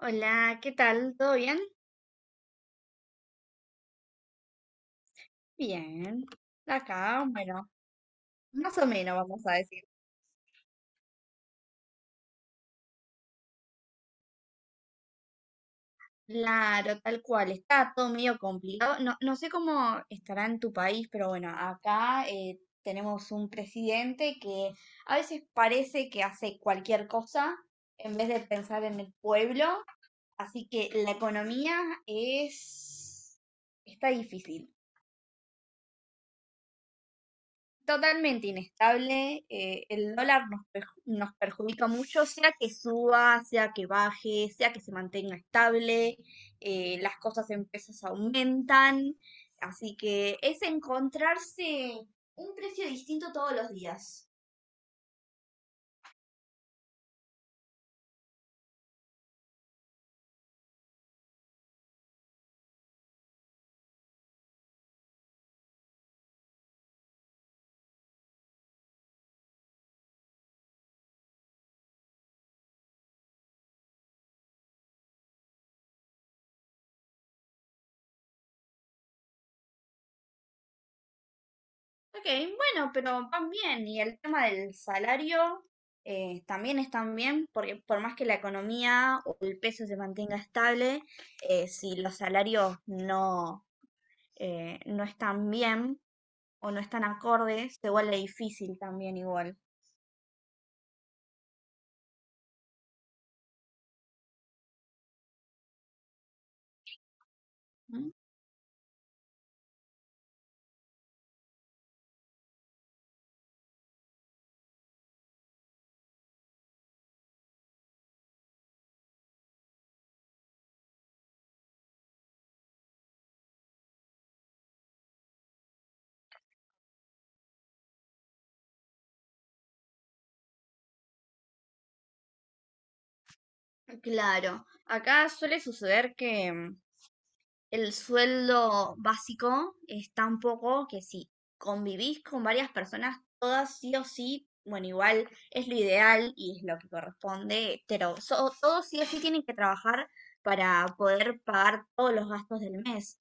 Hola, ¿qué tal? ¿Todo bien? Bien. Acá, bueno, más o menos vamos a decir. Claro, tal cual. Está todo medio complicado. No, no sé cómo estará en tu país, pero bueno, acá tenemos un presidente que a veces parece que hace cualquier cosa en vez de pensar en el pueblo. Así que la economía es... está difícil. Totalmente inestable. El dólar nos, nos perjudica mucho, sea que suba, sea que baje, sea que se mantenga estable, las cosas en pesos aumentan. Así que es encontrarse un precio distinto todos los días. Ok, bueno, pero van bien. Y el tema del salario también están bien, porque por más que la economía o el peso se mantenga estable, si los salarios no, no están bien o no están acordes, se vuelve difícil también igual. ¿Mm? Claro, acá suele suceder que el sueldo básico es tan poco que si convivís con varias personas, todas sí o sí, bueno, igual es lo ideal y es lo que corresponde, pero todos sí o sí tienen que trabajar para poder pagar todos los gastos del mes.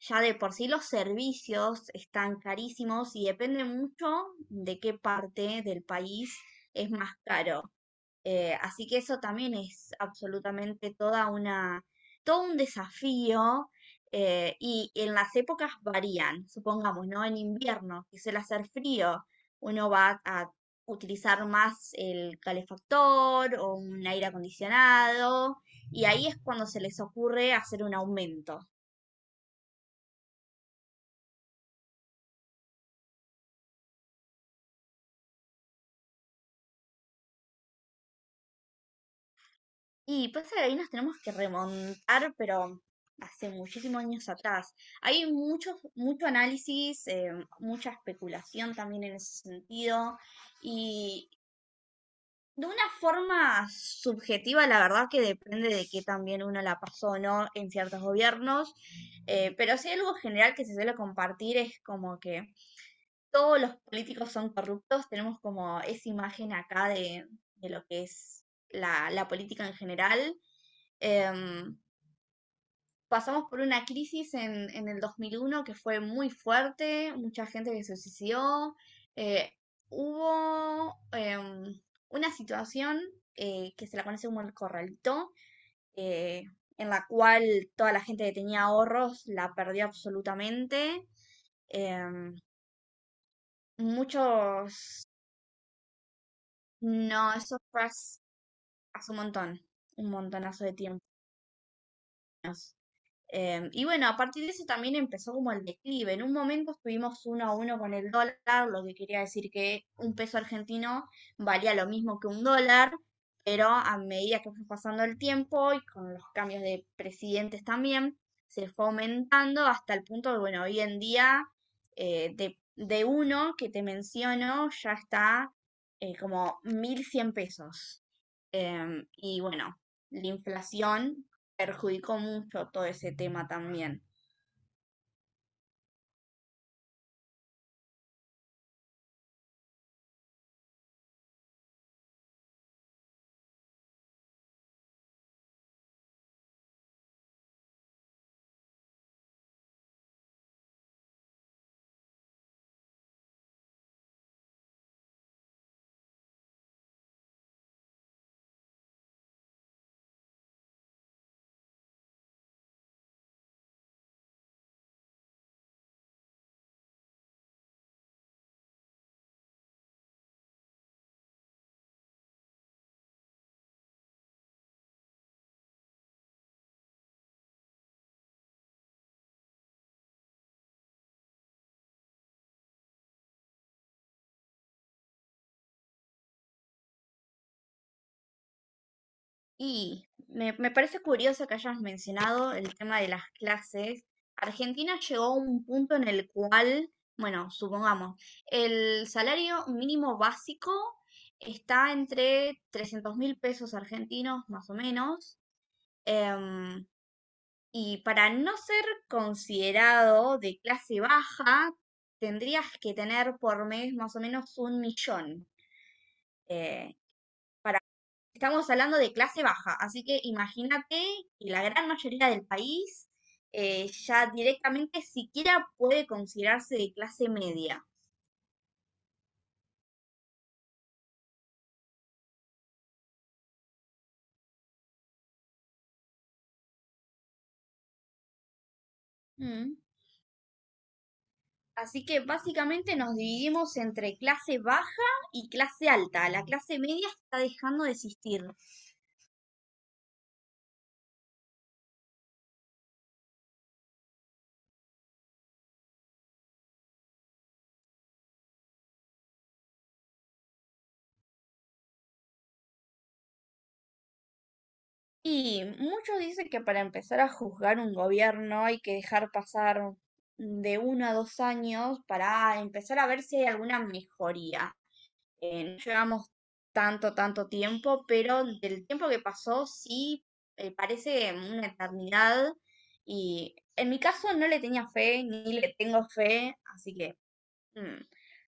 Ya de por sí los servicios están carísimos y depende mucho de qué parte del país es más caro. Así que eso también es absolutamente todo un desafío y en las épocas varían, supongamos, ¿no? En invierno, que suele hacer frío, uno va a utilizar más el calefactor o un aire acondicionado y ahí es cuando se les ocurre hacer un aumento. Y pasa que ahí nos tenemos que remontar, pero hace muchísimos años atrás. Hay mucho, mucho análisis, mucha especulación también en ese sentido. Y de una forma subjetiva, la verdad que depende de que también uno la pasó o no en ciertos gobiernos. Pero si hay algo general que se suele compartir es como que todos los políticos son corruptos, tenemos como esa imagen acá de lo que es la política en general. Em, Pasamos por una crisis en el 2001 que fue muy fuerte, mucha gente que se suicidó, eh, hubo una situación que se la conoce como el corralito, eh, en la cual toda la gente que tenía ahorros la perdió absolutamente. em, muchos. No, eso fue hace un montón, un montonazo de tiempo. Em, y bueno, a partir de eso también empezó como el declive. En un momento estuvimos uno a uno con el dólar, lo que quería decir que un peso argentino valía lo mismo que un dólar, pero a medida que fue pasando el tiempo y con los cambios de presidentes también, se fue aumentando hasta el punto de, bueno, hoy en día de uno que te menciono ya está como 1100 pesos. Y bueno, la inflación perjudicó mucho todo ese tema también. Y me parece curioso que hayas mencionado el tema de las clases. Argentina llegó a un punto en el cual, bueno, supongamos, el salario mínimo básico está entre 300.000 pesos argentinos, más o menos. em, y para no ser considerado de clase baja, tendrías que tener por mes más o menos 1.000.000. eh, Estamos hablando de clase baja, así que imagínate que la gran mayoría del país ya directamente siquiera puede considerarse de clase media. Mm. Así que básicamente nos dividimos entre clase baja y clase alta. La clase media está dejando de existir. Y muchos dicen que para empezar a juzgar un gobierno hay que dejar pasar de uno a dos años para empezar a ver si hay alguna mejoría. No llevamos tanto, tanto tiempo, pero del tiempo que pasó sí parece una eternidad y en mi caso no le tenía fe, ni le tengo fe, así que mm,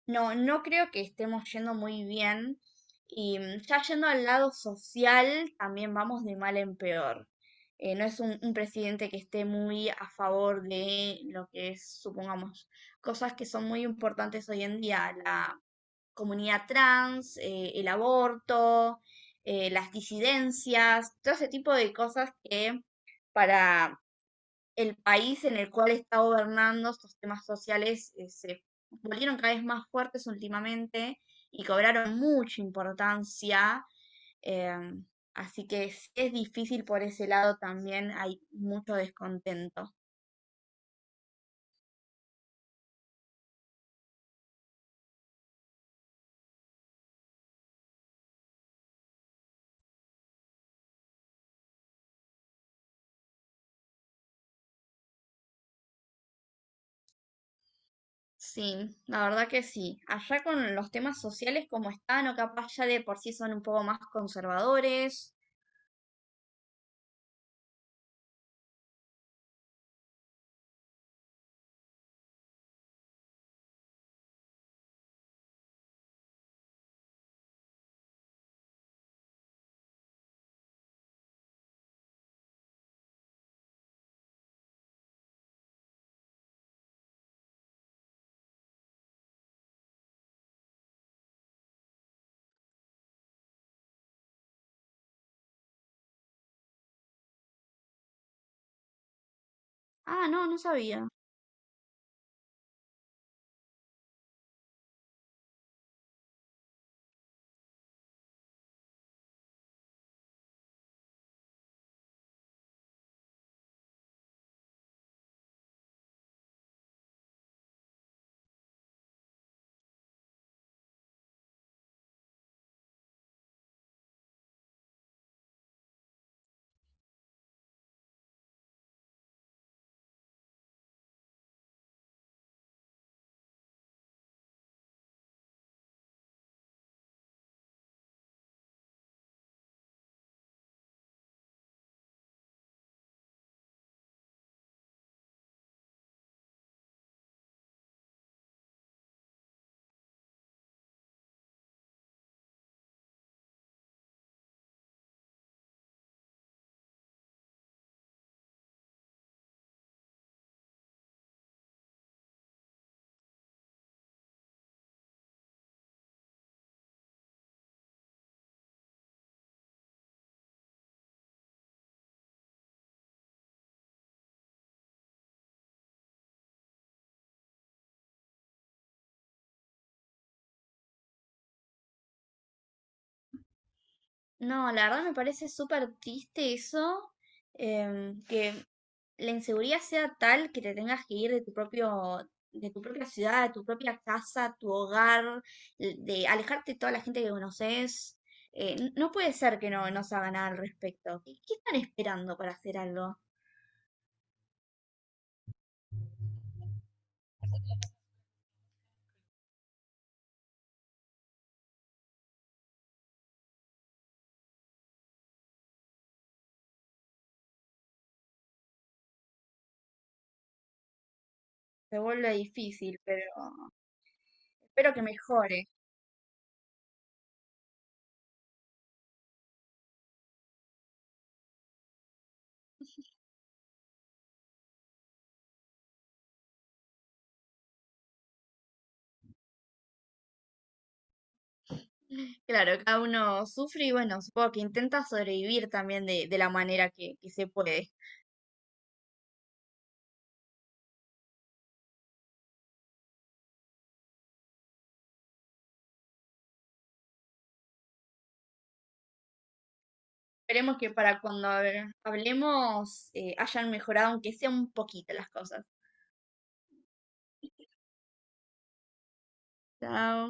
no, no creo que estemos yendo muy bien y mm, ya yendo al lado social también vamos de mal en peor. No es un presidente que esté muy a favor de lo que es, supongamos, cosas que son muy importantes hoy en día, la comunidad trans, el aborto, las disidencias, todo ese tipo de cosas que para el país en el cual está gobernando estos temas sociales se volvieron cada vez más fuertes últimamente y cobraron mucha importancia. Eh, Así que sí es difícil por ese lado también, hay mucho descontento. Sí, la verdad que sí. Allá con los temas sociales como están, o capaz ya de por sí son un poco más conservadores. Ah, no, no sabía. No, la verdad me parece súper triste eso, que la inseguridad sea tal que te tengas que ir de tu propio, de tu propia ciudad, de tu propia casa, tu hogar, de alejarte de toda la gente que conoces. No puede ser que no, no se haga nada al respecto. ¿Qué, qué están esperando para hacer algo? Se vuelve difícil, pero... Espero que mejore. Claro, cada uno sufre y bueno, supongo que intenta sobrevivir también de la manera que se puede. Esperemos que para cuando hablemos hayan mejorado, aunque sea un poquito las cosas. Chao.